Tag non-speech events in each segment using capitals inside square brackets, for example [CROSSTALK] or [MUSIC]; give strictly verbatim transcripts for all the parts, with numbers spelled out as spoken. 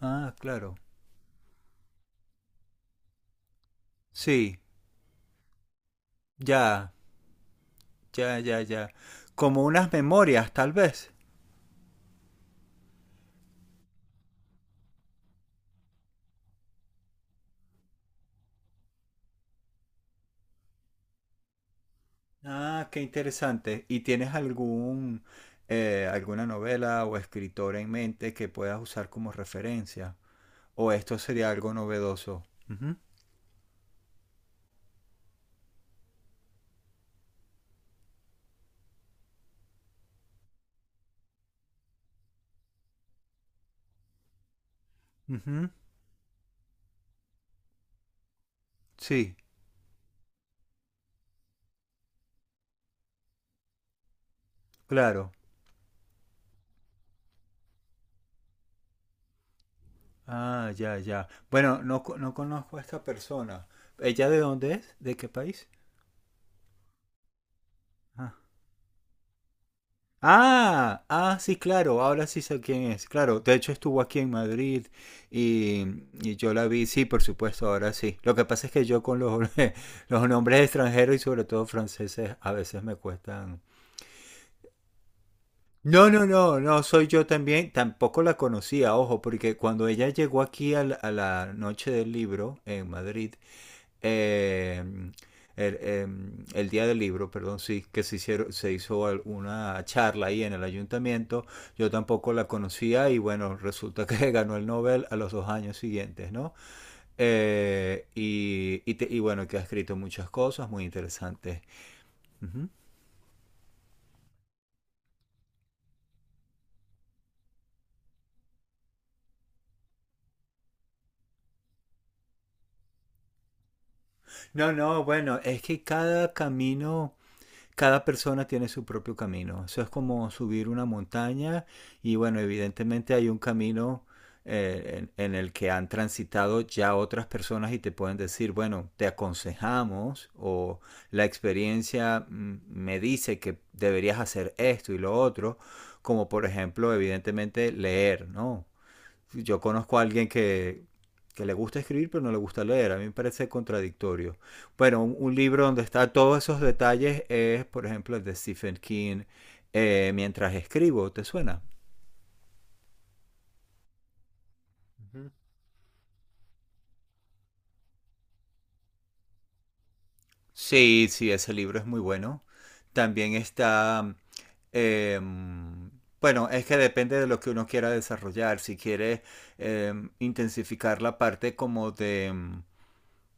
Ah, claro. Sí, ya, ya, ya, ya. Como unas memorias, tal vez. Ah, qué interesante. ¿Y tienes algún, eh, alguna novela o escritora en mente que puedas usar como referencia? ¿O esto sería algo novedoso? Ujú, ujú. Sí, claro. Ah, ya, ya. Bueno, no, co- no conozco a esta persona. ¿Ella de dónde es? ¿De qué país? Ah. Ah, ah, sí, claro, ahora sí sé quién es. Claro, de hecho estuvo aquí en Madrid y, y yo la vi, sí, por supuesto, ahora sí. Lo que pasa es que yo con los, [LAUGHS] los nombres extranjeros y sobre todo franceses a veces me cuestan. No, no, no, no, soy yo también. Tampoco la conocía, ojo, porque cuando ella llegó aquí a la, a la noche del libro en Madrid, eh, el, eh, el día del libro, perdón, sí, que se, hicieron, se hizo una charla ahí en el ayuntamiento. Yo tampoco la conocía y bueno, resulta [LAUGHS] que ganó el Nobel a los dos años siguientes, ¿no? Eh, y, y te- y bueno, que ha escrito muchas cosas muy interesantes. Ujú. No, no, bueno, es que cada camino cada persona tiene su propio camino. Eso es como subir una montaña y bueno, evidentemente hay un camino eh, en, en el que han transitado ya otras personas y te pueden decir, bueno, te aconsejamos o la experiencia mm, me dice que deberías hacer esto y lo otro, como por ejemplo, evidentemente leer, ¿no? Yo conozco a alguien que, que le gusta escribir pero no le gusta leer. A mí me parece contradictorio. Bueno, un, un libro donde está todos esos detalles es, por ejemplo, el de Stephen King, eh, Mientras escribo, ¿te suena? Ujú. Sí, sí, ese libro es muy bueno. También está, em, bueno, es que depende de lo que uno quiera desarrollar. Si quiere em, intensificar la parte como de, em,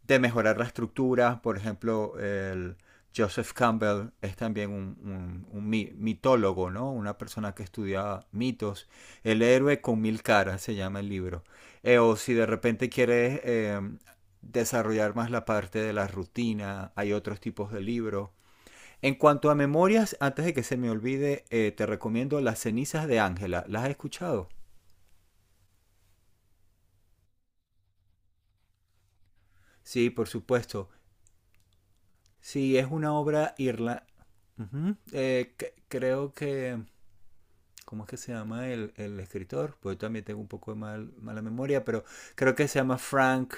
de mejorar la estructura. Por ejemplo, el Joseph Campbell es también un, un- un mitólogo, ¿no? Una persona que estudia mitos. El héroe con mil caras se llama el libro. Eh, o si de repente quieres eh, desarrollar más la parte de la rutina, hay otros tipos de libros. En cuanto a memorias, antes de que se me olvide, eh, te recomiendo Las cenizas de Ángela. ¿Las has escuchado? Sí, por supuesto. Sí, es una obra irla. Ujú. Eh, c- creo que, ¿cómo es que se llama el, el escritor? Pues también tengo un poco de mal- mala memoria, pero creo que se llama Frank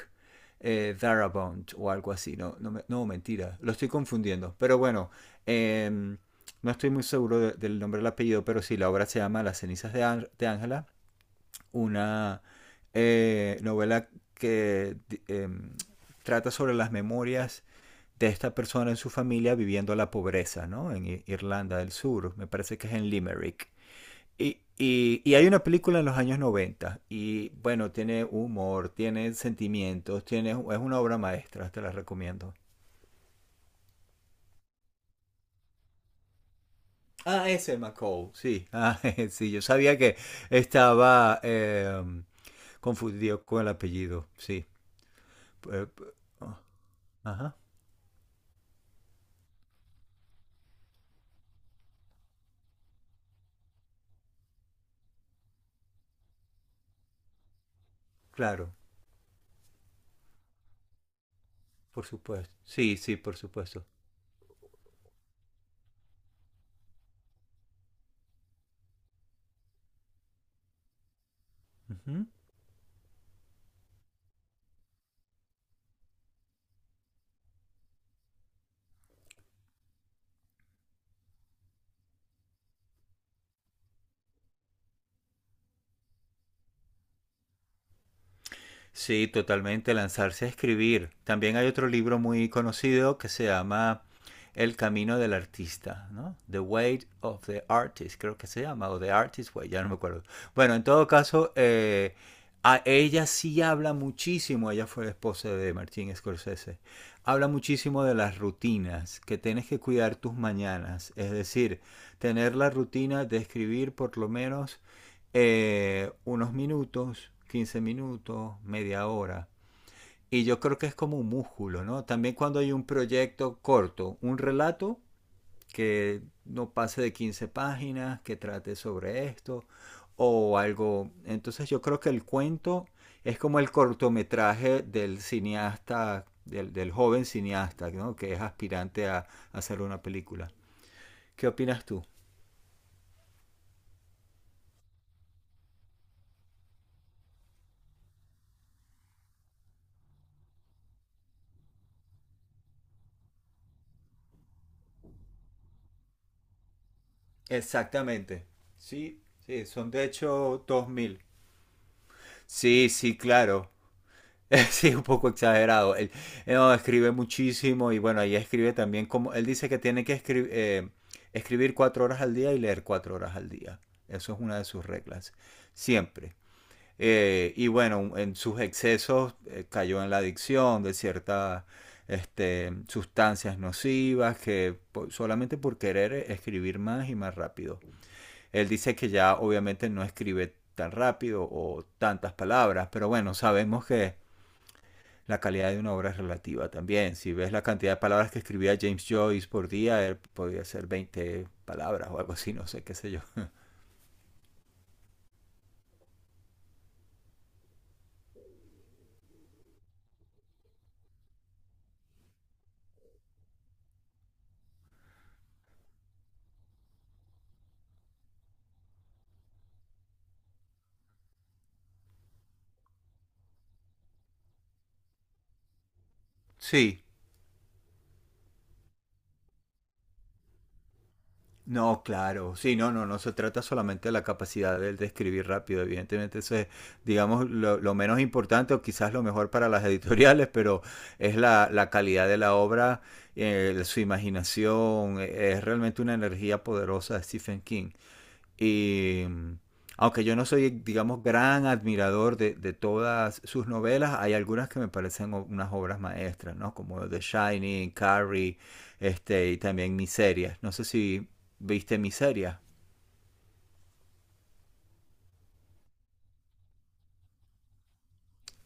eh, Darabont o algo así. No, no, me- no, mentira, lo estoy confundiendo. Pero bueno, em, no estoy muy seguro de- del nombre del apellido, pero sí, la obra se llama Las cenizas de Ángela una eh, novela que eh, trata sobre las memorias de esta persona en su familia viviendo la pobreza, ¿no? En Irlanda del Sur, me parece que es en Limerick. Y, y- y hay una película en los años noventa y bueno, tiene humor, tiene sentimientos, tiene, es una obra maestra, te la recomiendo. Ah, ese McCall, sí. Ah, [LAUGHS] sí, yo sabía que estaba eh, confundido con el apellido, sí. Eh, p- oh, ajá. Claro, por supuesto. Sí, sí, por supuesto. Ujú. Sí, totalmente, lanzarse a escribir. También hay otro libro muy conocido que se llama El camino del artista, ¿no? The Way of the Artist, creo que se llama, o The Artist Way, ya no me acuerdo. Bueno, en todo caso, eh, a ella sí habla muchísimo, ella fue la esposa de Martin Scorsese, habla muchísimo de las rutinas, que tienes que cuidar tus mañanas, es decir, tener la rutina de escribir por lo menos eh, unos minutos, quince minutos, media hora. Y yo creo que es como un músculo, ¿no? También cuando hay un proyecto corto, un relato que no pase de quince páginas, que trate sobre esto o algo. Entonces yo creo que el cuento es como el cortometraje del cineasta, del, del joven cineasta, ¿no? Que es aspirante a, a hacer una película. ¿Qué opinas tú? Exactamente. Sí, sí, son de hecho dos mil. Sí, sí, claro. [LAUGHS] Sí, un poco exagerado. Él, él no, escribe muchísimo y bueno, ahí escribe también como, él dice que tiene que escri- eh, escribir cuatro horas al día y leer cuatro horas al día. Eso es una de sus reglas, siempre. Eh, y bueno, en sus excesos eh, cayó en la adicción de ciertas este, sustancias nocivas que po- solamente por querer escribir más y más rápido. Él dice que ya obviamente no escribe tan rápido o tantas palabras, pero bueno, sabemos que la calidad de una obra es relativa también. Si ves la cantidad de palabras que escribía James Joyce por día, él podía hacer veinte palabras o algo así, no sé, qué sé yo. Sí, no, claro, sí, no, no, no se trata solamente de la capacidad de, de escribir rápido, evidentemente eso es, digamos, lo, lo menos importante o quizás lo mejor para las [LAUGHS] editoriales, pero es la, la calidad de la obra, eh, su imaginación, eh, es realmente una energía poderosa de Stephen King. Y aunque yo no soy, digamos, gran admirador de, de todas sus novelas, hay algunas que me parecen o- unas obras maestras, ¿no? Como The Shining, Carrie, este, y también Miserias. No sé si viste Miserias.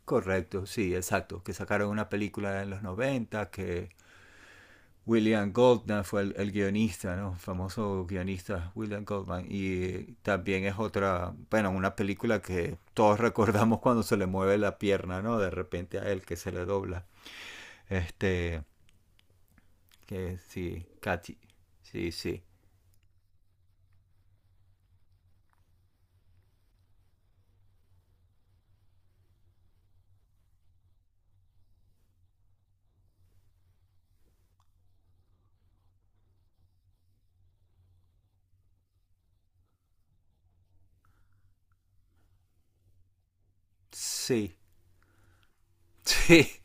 Correcto, sí, exacto. Que sacaron una película en los noventa que William Goldman fue el, el guionista, ¿no? Famoso guionista William Goldman. Y también es otra, bueno, una película que todos recordamos [LAUGHS] cuando se le mueve la pierna, ¿no? De repente a él que se le dobla. Este, que sí, Katy. Sí, sí. Sí, [LAUGHS] sí.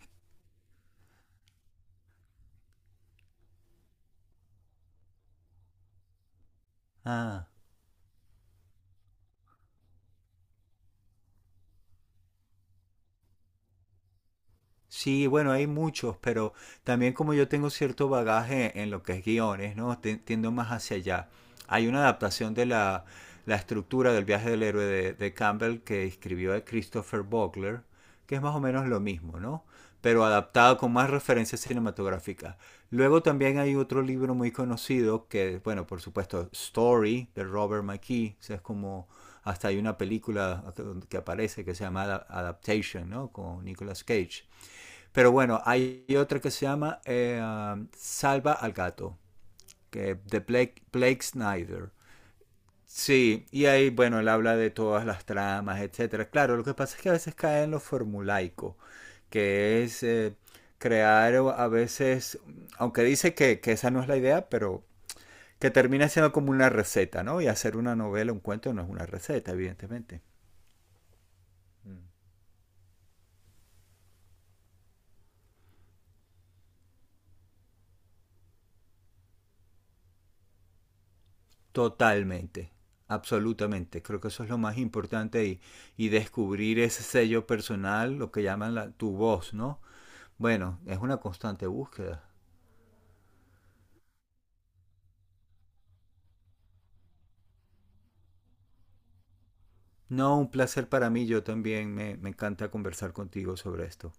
Ah. Sí, bueno, hay muchos, pero también como yo tengo cierto bagaje en lo que es guiones, ¿no? Te- Tiendo más hacia allá. Hay una adaptación de la, la estructura del viaje del héroe de, de Campbell que escribió de Christopher Bogler, que es más o menos lo mismo, ¿no? Pero adaptado con más referencias cinematográficas. Luego también hay otro libro muy conocido que, bueno, por supuesto, Story, de Robert McKee, o sea, es como... Hasta hay una película que que aparece que se llama Ada- Adaptation, ¿no? Con Nicolas Cage pero bueno, hay otra que se llama eh, um, Salva al gato, que de Blake, Blake Snyder. Sí, y ahí, bueno, él habla de todas las tramas, etcétera. Claro, lo que pasa es que a veces cae en lo formulaico, que es eh, crear a veces, aunque dice que, que esa no es la idea, pero que termina siendo como una receta, ¿no? Y hacer una novela, un cuento no es una receta, evidentemente. Mm. Totalmente, absolutamente. Creo que eso es lo más importante y, y descubrir ese sello personal, lo que llaman la- tu voz, ¿no? Bueno, es una constante búsqueda. No, un placer para mí. Yo también me, me encanta conversar contigo sobre esto.